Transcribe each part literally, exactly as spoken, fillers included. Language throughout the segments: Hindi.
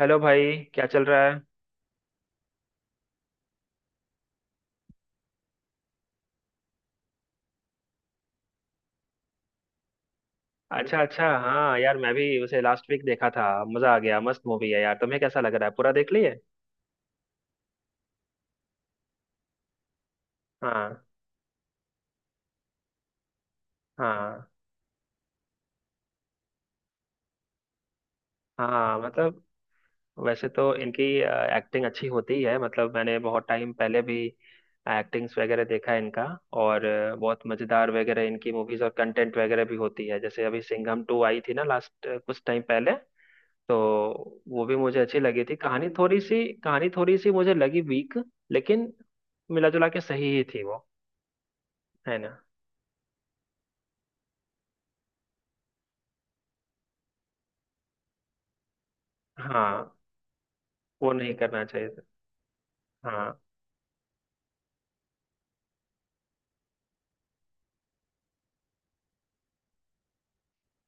हेलो भाई, क्या चल रहा है? अच्छा अच्छा, हाँ यार, मैं भी उसे लास्ट वीक देखा था। मजा आ गया। मस्त मूवी है यार। तुम्हें कैसा लग रहा है, पूरा देख लिए? हाँ हाँ हाँ, मतलब। वैसे तो इनकी एक्टिंग अच्छी होती है। मतलब मैंने बहुत टाइम पहले भी एक्टिंग्स वगैरह देखा है इनका। और अ, बहुत मजेदार वगैरह इनकी मूवीज और कंटेंट वगैरह भी होती है। जैसे अभी सिंघम टू आई थी ना लास्ट कुछ टाइम पहले। तो वो भी मुझे अच्छी लगी थी। कहानी थोड़ी सी कहानी थोड़ी सी मुझे लगी वीक। लेकिन मिला जुला के सही ही थी वो। है ना। हाँ। वो नहीं करना चाहिए था। हाँ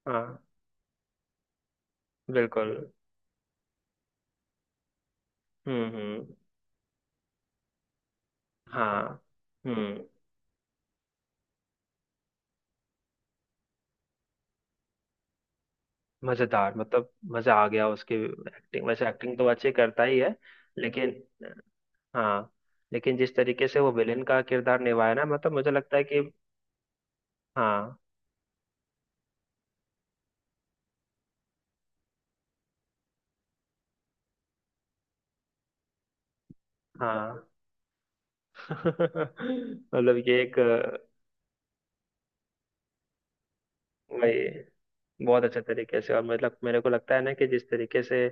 हाँ, बिल्कुल। हम्म हम्म। हाँ। हम्म। मजेदार, मतलब मजा आ गया उसकी एक्टिंग। वैसे एक्टिंग तो अच्छी करता ही है। लेकिन। हाँ। लेकिन जिस तरीके से वो विलेन का किरदार निभाया ना, मतलब मुझे लगता है कि। हाँ। हाँ। मतलब ये एक अ, वही, बहुत अच्छे तरीके से। और मतलब मेरे को लगता है ना कि जिस तरीके से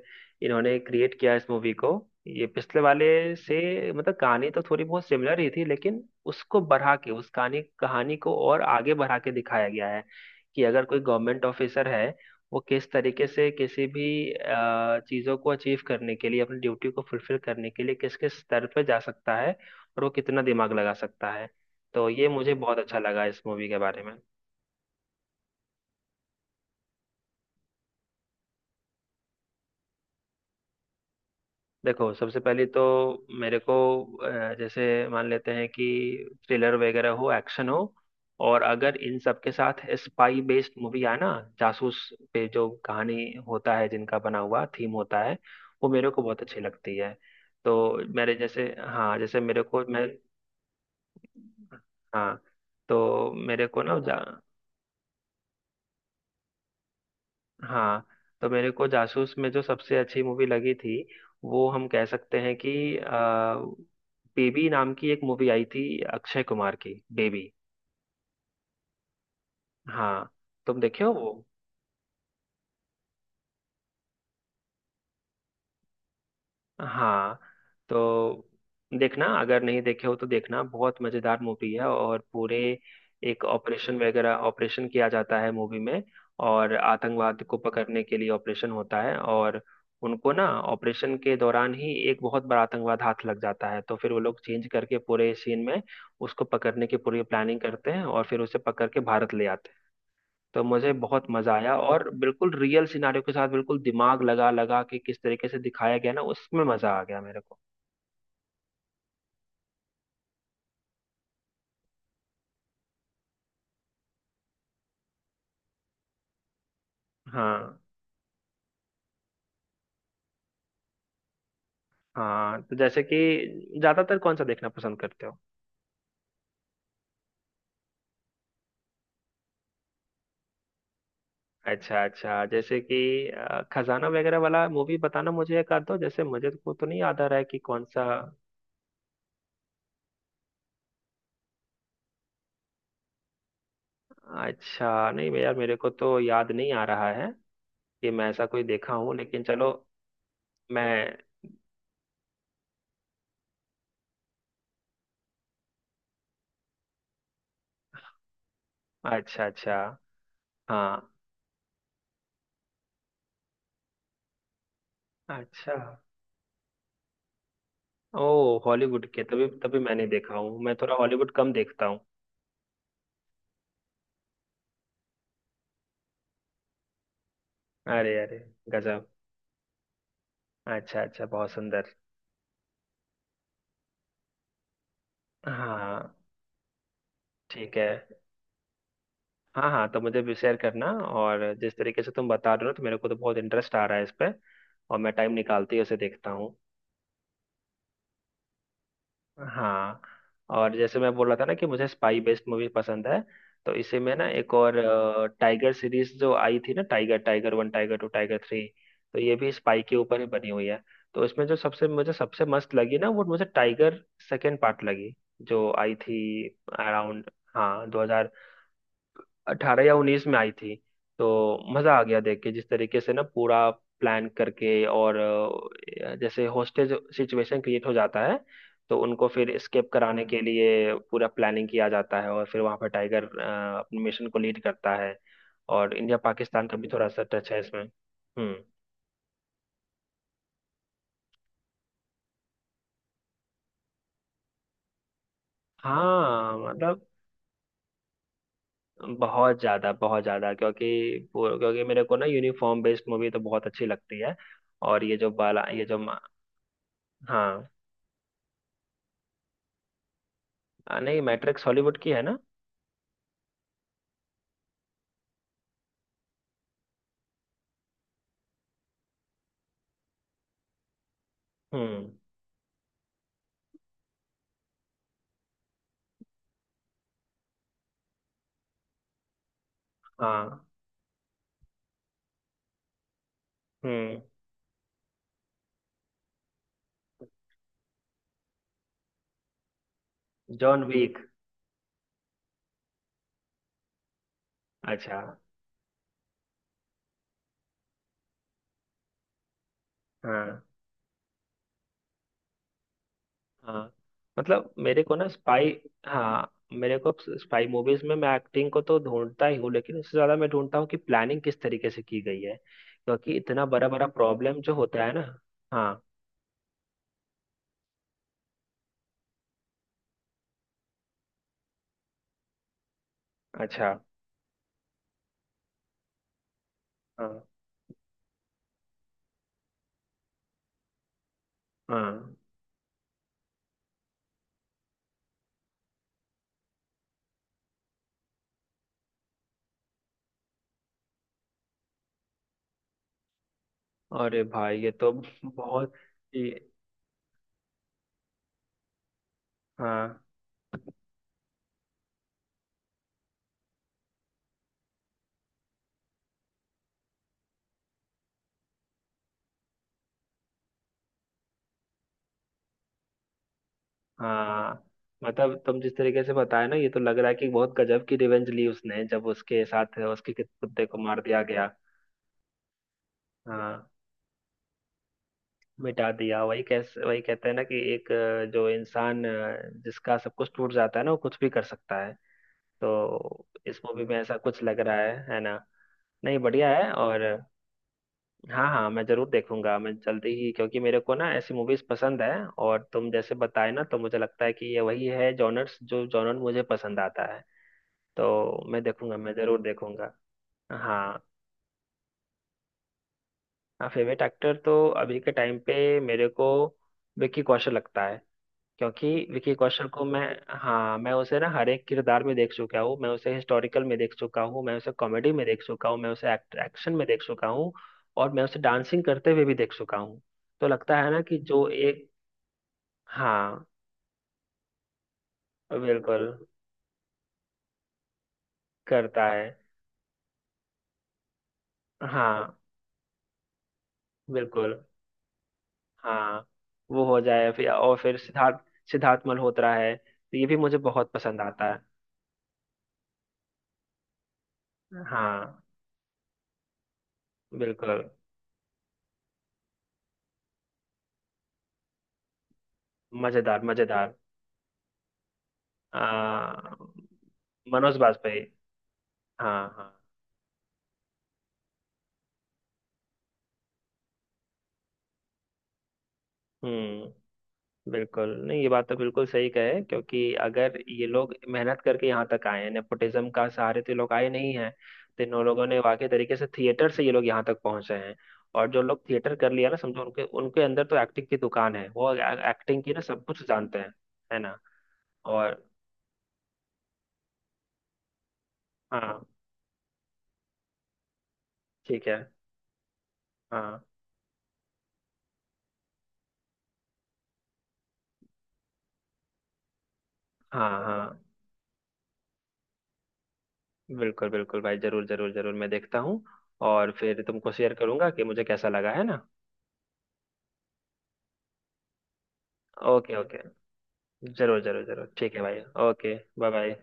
इन्होंने क्रिएट किया इस मूवी को, ये पिछले वाले से, मतलब कहानी तो थोड़ी बहुत सिमिलर ही थी, लेकिन उसको बढ़ा के, उस कहानी कहानी को और आगे बढ़ा के दिखाया गया है कि अगर कोई गवर्नमेंट ऑफिसर है, वो किस तरीके से किसी भी अ, चीज़ों को अचीव करने के लिए, अपनी ड्यूटी को फुलफिल करने के लिए किस किस स्तर पर जा सकता है, और वो कितना दिमाग लगा सकता है। तो ये मुझे बहुत अच्छा लगा इस मूवी के बारे में। देखो, सबसे पहले तो मेरे को अ, जैसे मान लेते हैं कि थ्रिलर वगैरह हो, एक्शन हो, और अगर इन सब के साथ स्पाई बेस्ड मूवी आए ना, जासूस पे जो कहानी होता है, जिनका बना हुआ थीम होता है, वो मेरे को बहुत अच्छी लगती है। तो मेरे जैसे, हाँ, जैसे मेरे को मैं। हाँ, तो मेरे को ना। हाँ, तो मेरे को जासूस में जो सबसे अच्छी मूवी लगी थी, वो हम कह सकते हैं कि आ, बेबी नाम की एक मूवी आई थी, अक्षय कुमार की बेबी। हाँ, तुम देखे हो वो? हाँ। तो देखना, अगर नहीं देखे हो तो देखना, बहुत मजेदार मूवी है। और पूरे एक ऑपरेशन वगैरह, ऑपरेशन किया जाता है मूवी में, और आतंकवाद को पकड़ने के लिए ऑपरेशन होता है। और उनको ना ऑपरेशन के दौरान ही एक बहुत बड़ा आतंकवाद हाथ लग जाता है, तो फिर वो लोग चेंज करके पूरे सीन में उसको पकड़ने की पूरी प्लानिंग करते हैं, और फिर उसे पकड़ के भारत ले आते हैं। तो मुझे बहुत मजा आया। और बिल्कुल रियल सिनारियो के साथ बिल्कुल दिमाग लगा लगा के किस तरीके से दिखाया गया ना, उसमें मजा आ गया मेरे को। हाँ हाँ, तो जैसे कि ज्यादातर कौन सा देखना पसंद करते हो? अच्छा अच्छा, जैसे कि अ, खजाना वगैरह वाला मूवी बताना मुझे एक आध दो, जैसे मुझे को तो नहीं याद आ रहा है कि कौन सा। अच्छा, नहीं भैया, मेरे को तो याद नहीं आ रहा है कि मैं ऐसा कोई देखा हूँ, लेकिन चलो। मैं। अच्छा अच्छा। हाँ, अच्छा। ओ हॉलीवुड के। तभी तभी मैंने देखा हूँ, मैं थोड़ा हॉलीवुड कम देखता हूँ। अरे अरे। गजब। अच्छा अच्छा, बहुत सुंदर। हाँ। ठीक है। हाँ हाँ, तो मुझे भी शेयर करना। और जिस तरीके से तुम बता रहे हो, तो मेरे को तो बहुत इंटरेस्ट आ रहा है इस पे, और मैं टाइम निकालती ही उसे देखता हूँ। हाँ, और जैसे मैं बोल रहा था ना कि मुझे स्पाई बेस्ड मूवी पसंद है, तो इसी में ना एक और, टाइगर सीरीज जो आई थी ना, Tiger Tiger one, Tiger two, Tiger three, तो ये भी स्पाई के ऊपर ही बनी हुई है। तो इसमें जो सबसे मुझे सबसे मस्त लगी ना, वो मुझे टाइगर सेकेंड पार्ट लगी, जो आई थी अराउंड, हाँ, दो हजार अठारह या उन्नीस में आई थी। तो मजा आ गया देख के, जिस तरीके से ना पूरा प्लान करके, और अ, जैसे होस्टेज सिचुएशन क्रिएट हो जाता है, तो उनको फिर एस्केप कराने के लिए पूरा प्लानिंग किया जाता है, और फिर वहां पर टाइगर अ, अपने मिशन को लीड करता है। और इंडिया पाकिस्तान का भी थोड़ा सा टच है इसमें। हम्म। हाँ, मतलब बहुत ज्यादा, बहुत ज्यादा, क्योंकि वो- क्योंकि मेरे को ना यूनिफॉर्म बेस्ड मूवी तो बहुत अच्छी लगती है। और ये जो बाला, ये जो मा- हाँ। आ, नहीं, मैट्रिक्स हॉलीवुड की है ना। हम्म। हाँ। हम्म। John Wick. अच्छा। हाँ हाँ, मतलब मेरे को ना स्पाई। हाँ, मेरे को स्पाई मूवीज में मैं एक्टिंग को तो ढूंढता ही हूँ, लेकिन उससे ज्यादा मैं ढूंढता हूँ कि प्लानिंग किस तरीके से की गई है, क्योंकि इतना बड़ा बड़ा प्रॉब्लम जो होता है ना। हाँ। अच्छा। हाँ हाँ। अरे भाई, ये तो बहुत। ये। हाँ हाँ, मतलब तुम जिस तरीके से बताया ना, ये तो लग रहा है कि बहुत गजब की रिवेंज ली उसने, जब उसके साथ उसके किस कुत्ते को मार दिया गया। हाँ, मिटा दिया, वही, कैसे वही कहते हैं ना कि एक, अ, जो इंसान, अ, जिसका सब कुछ टूट जाता है ना, वो कुछ भी कर सकता है। तो इस मूवी में ऐसा कुछ लग रहा है है ना। नहीं, बढ़िया है। और हाँ हाँ, मैं जरूर देखूंगा, मैं जल्दी ही, क्योंकि मेरे को ना ऐसी मूवीज पसंद है। और तुम जैसे बताए ना, तो मुझे लगता है कि ये वही है जॉनर्स, जो जॉनर मुझे पसंद आता है। तो मैं देखूंगा, मैं जरूर देखूंगा। हाँ। फेवरेट एक्टर तो अभी के टाइम पे मेरे को विकी कौशल लगता है, क्योंकि विकी कौशल को मैं। हाँ, मैं उसे ना हर एक किरदार में देख चुका हूँ, मैं उसे हिस्टोरिकल में देख चुका हूँ, मैं उसे कॉमेडी में देख चुका हूँ, मैं उसे एक्शन में देख चुका हूँ, और मैं उसे डांसिंग करते हुए भी देख चुका हूँ। तो लगता है ना कि जो एक। हाँ। बिल्कुल करता है। हाँ, बिल्कुल। हाँ, वो हो जाए फिर, और फिर सिद्धार्थ सिद्धार्थ मल्होत्रा है, तो ये भी मुझे बहुत पसंद आता है। हाँ, बिल्कुल। मजेदार, मजेदार। आ, मनोज बाजपेयी। हाँ हाँ। हम्म। बिल्कुल, नहीं, ये बात तो बिल्कुल सही कहे, क्योंकि अगर ये लोग मेहनत करके यहाँ तक आए हैं, नेपोटिज्म का सहारे तो ये लोग आए नहीं हैं। तो इन लोगों ने वाकई तरीके से थिएटर से ये लोग यहाँ तक पहुंचे हैं। और जो लोग थिएटर कर लिया ना, समझो उनके उनके अंदर तो एक्टिंग की दुकान है, वो एक्टिंग की ना सब कुछ जानते हैं। है ना। और हाँ, ठीक है। हाँ हाँ हाँ, बिल्कुल बिल्कुल भाई, जरूर जरूर जरूर मैं देखता हूँ। और फिर तुमको शेयर करूंगा कि मुझे कैसा लगा, है ना। ओके ओके, जरूर जरूर जरूर, ठीक है भाई। Okay, bye bye.